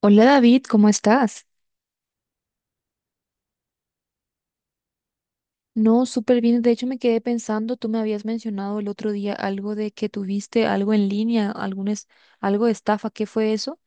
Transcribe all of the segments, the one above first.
Hola David, ¿cómo estás? No, súper bien. De hecho, me quedé pensando, tú me habías mencionado el otro día algo de que tuviste algo en línea, algo de estafa. ¿Qué fue eso?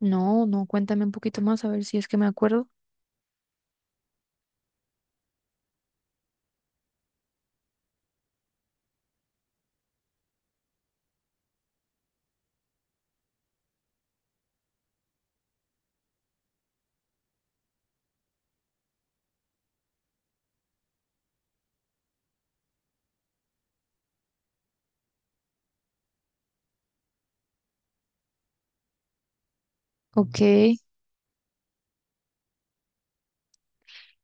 No, no, cuéntame un poquito más a ver si es que me acuerdo. Ok.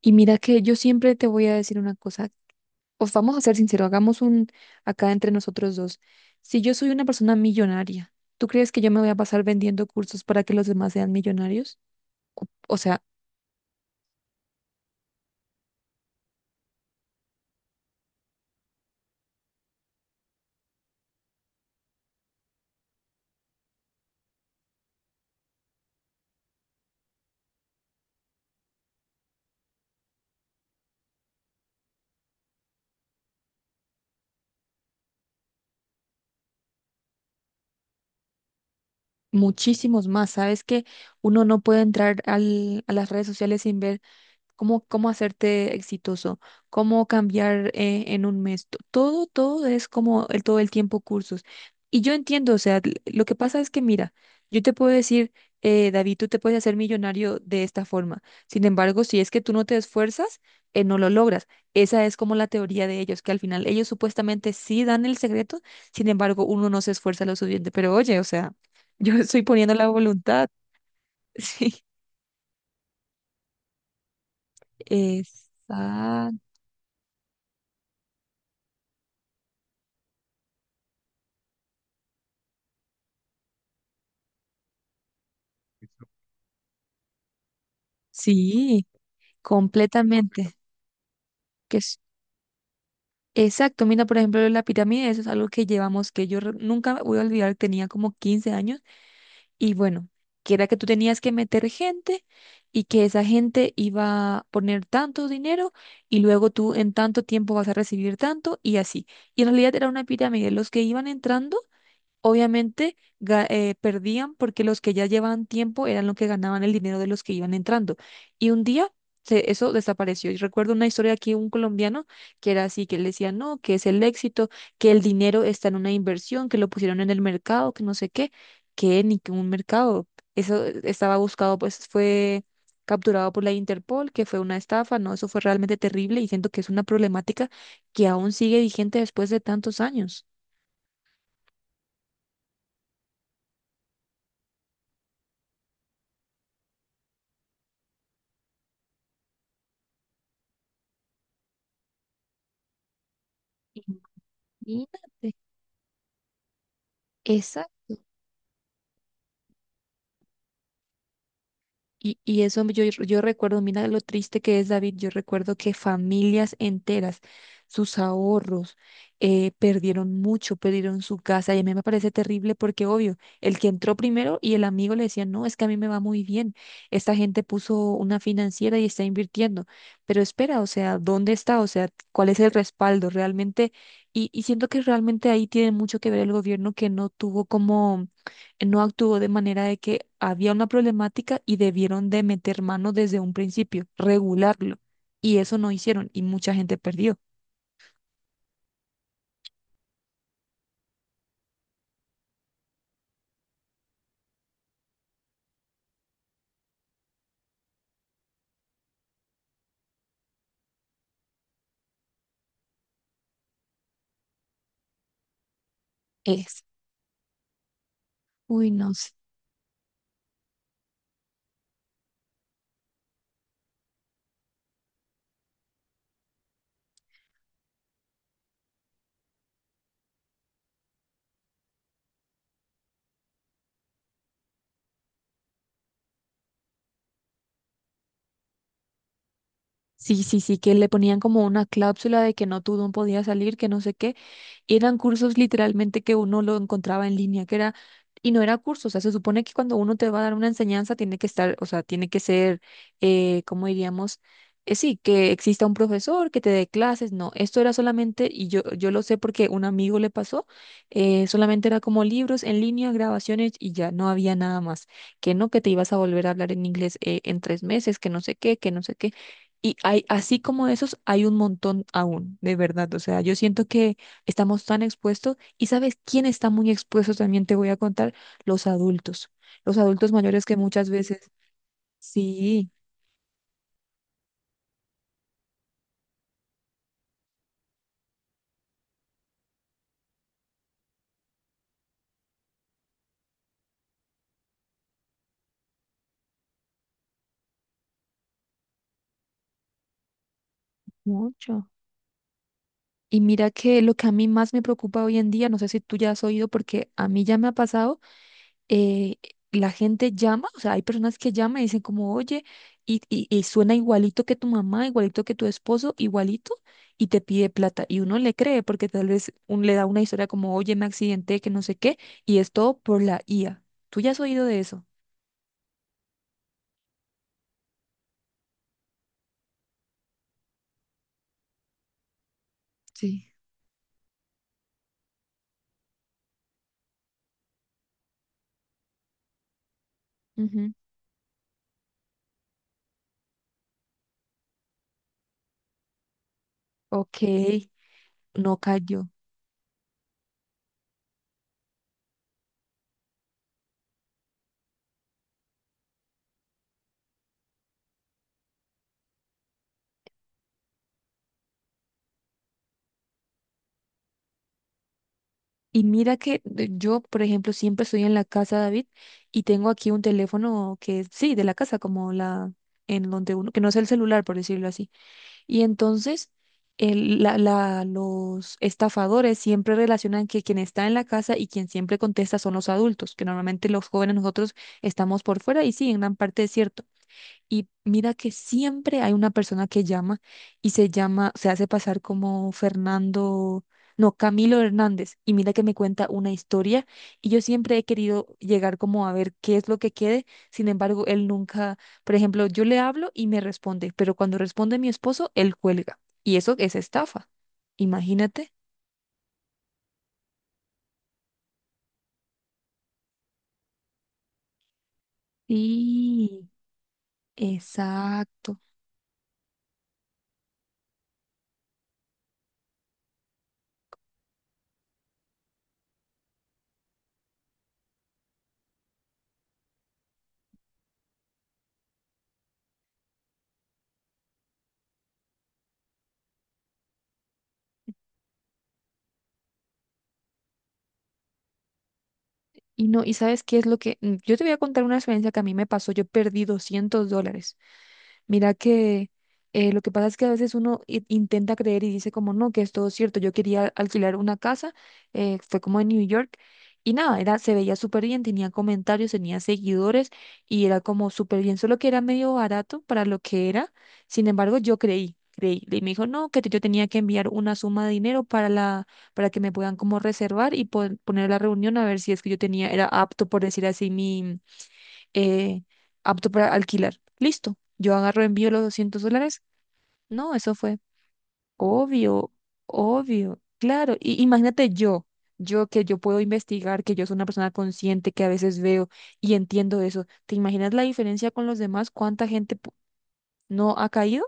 Y mira que yo siempre te voy a decir una cosa. Os vamos a ser sinceros, hagamos un acá entre nosotros dos. Si yo soy una persona millonaria, ¿tú crees que yo me voy a pasar vendiendo cursos para que los demás sean millonarios? O sea. Muchísimos más. Sabes que uno no puede entrar a las redes sociales sin ver cómo hacerte exitoso, cómo cambiar en un mes. Todo es como todo el tiempo cursos. Y yo entiendo, o sea, lo que pasa es que, mira, yo te puedo decir, David, tú te puedes hacer millonario de esta forma. Sin embargo, si es que tú no te esfuerzas, no lo logras. Esa es como la teoría de ellos, que al final ellos supuestamente sí dan el secreto, sin embargo, uno no se esfuerza lo suficiente. Pero oye, o sea, yo estoy poniendo la voluntad. Sí, exacto. Sí. Completamente. Que es, exacto. Mira, por ejemplo, la pirámide, eso es algo que llevamos, nunca me voy a olvidar, tenía como 15 años y bueno, que era que tú tenías que meter gente y que esa gente iba a poner tanto dinero y luego tú en tanto tiempo vas a recibir tanto y así. Y en realidad era una pirámide. Los que iban entrando, obviamente perdían porque los que ya llevaban tiempo eran los que ganaban el dinero de los que iban entrando. Y un día eso desapareció. Y recuerdo una historia aquí, un colombiano que era así, que él decía, no, que es el éxito, que el dinero está en una inversión, que lo pusieron en el mercado, que no sé qué, que ni que un mercado. Eso estaba buscado, pues fue capturado por la Interpol, que fue una estafa, ¿no? Eso fue realmente terrible y siento que es una problemática que aún sigue vigente después de tantos años. Imagínate. Esa, y eso yo recuerdo, mira lo triste que es, David, yo recuerdo que familias enteras, sus ahorros, perdieron mucho, perdieron su casa, y a mí me parece terrible porque, obvio, el que entró primero y el amigo le decía, no, es que a mí me va muy bien, esta gente puso una financiera y está invirtiendo, pero espera, o sea, ¿dónde está? O sea, ¿cuál es el respaldo realmente? Y siento que realmente ahí tiene mucho que ver el gobierno que no tuvo como, no actuó de manera de que había una problemática y debieron de meter mano desde un principio, regularlo. Y eso no hicieron y mucha gente perdió. Es. Uy, no sé. Sí, sí, sí, que le ponían como una cláusula de que no, tú no podías salir, que no sé qué. Y eran cursos literalmente que uno lo encontraba en línea, que era, y no era curso, o sea, se supone que cuando uno te va a dar una enseñanza tiene que estar, o sea, tiene que ser, ¿cómo diríamos? Sí, que exista un profesor que te dé clases, no, esto era solamente, y yo lo sé porque un amigo le pasó, solamente era como libros en línea, grabaciones y ya, no había nada más, que no, que te ibas a volver a hablar en inglés en 3 meses, que no sé qué, que no sé qué. Y hay, así como esos, hay un montón aún, de verdad. O sea, yo siento que estamos tan expuestos. ¿Y sabes quién está muy expuesto? También te voy a contar, los adultos, los adultos mayores que muchas veces, sí, mucho. Y mira que lo que a mí más me preocupa hoy en día, no sé si tú ya has oído, porque a mí ya me ha pasado, eh, la gente llama, o sea, hay personas que llaman y dicen como, oye, y suena igualito que tu mamá, igualito que tu esposo, igualito, y te pide plata. Y uno le cree porque tal vez un, le da una historia como, oye, me accidenté, que no sé qué, y es todo por la IA. ¿Tú ya has oído de eso? Sí. Ujú. Ok, no cayó. Y mira yo, por ejemplo, siempre estoy en la casa, David, y tengo aquí un teléfono que es, sí, de la casa, como la, en donde uno, que no es el celular, por decirlo así. Y entonces los estafadores siempre relacionan que quien está en la casa y quien siempre contesta son los adultos, que normalmente los jóvenes nosotros estamos por fuera y sí, en gran parte es cierto, y mira que siempre hay una persona que llama se hace pasar como Fernando, no, Camilo Hernández. Y mira que me cuenta una historia y yo siempre he querido llegar como a ver qué es lo que quede. Sin embargo, él nunca, por ejemplo, yo le hablo y me responde, pero cuando responde mi esposo, él cuelga. Y eso es estafa. Imagínate. Sí, exacto. Y no, ¿y sabes qué es lo que? Yo te voy a contar una experiencia que a mí me pasó. Yo perdí $200. Mira que lo que pasa es que a veces uno intenta creer y dice como no, que es todo cierto. Yo quería alquilar una casa, fue como en New York y nada, era, se veía súper bien, tenía comentarios, tenía seguidores y era como súper bien, solo que era medio barato para lo que era. Sin embargo, yo creí. Y me dijo, no, que yo tenía que enviar una suma de dinero para la, para que me puedan como reservar y poner la reunión a ver si es que yo tenía, era apto, por decir así, mi eh, apto para alquilar. Listo, yo agarro, envío los $200. No, eso fue obvio, obvio, claro. Y imagínate yo, yo que yo puedo investigar, que yo soy una persona consciente, que a veces veo y entiendo eso. ¿Te imaginas la diferencia con los demás? ¿Cuánta gente no ha caído?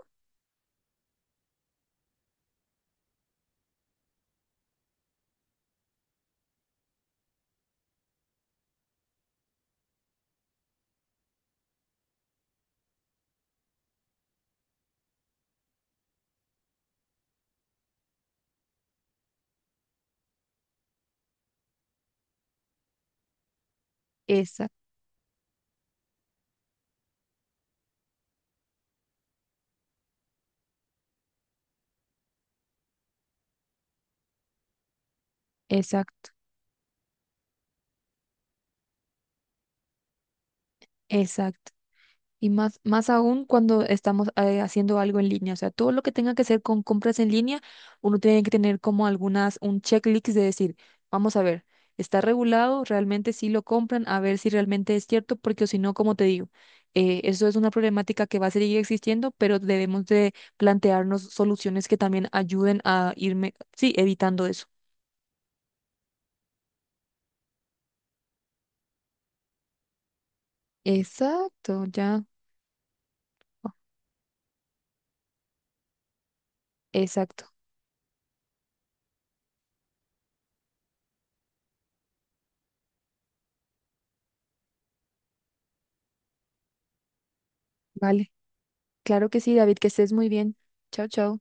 Exacto, exacto, exacto. Y más, más aún cuando estamos haciendo algo en línea. O sea, todo lo que tenga que ser con compras en línea, uno tiene que tener como algunas, un checklist de decir, vamos a ver, está regulado, realmente sí lo compran, a ver si realmente es cierto, porque si no, como te digo, eso es una problemática que va a seguir existiendo, pero debemos de plantearnos soluciones que también ayuden a irme, sí, evitando eso. Exacto, ya. Exacto. Vale. Claro que sí, David, que estés muy bien. Chao, chao.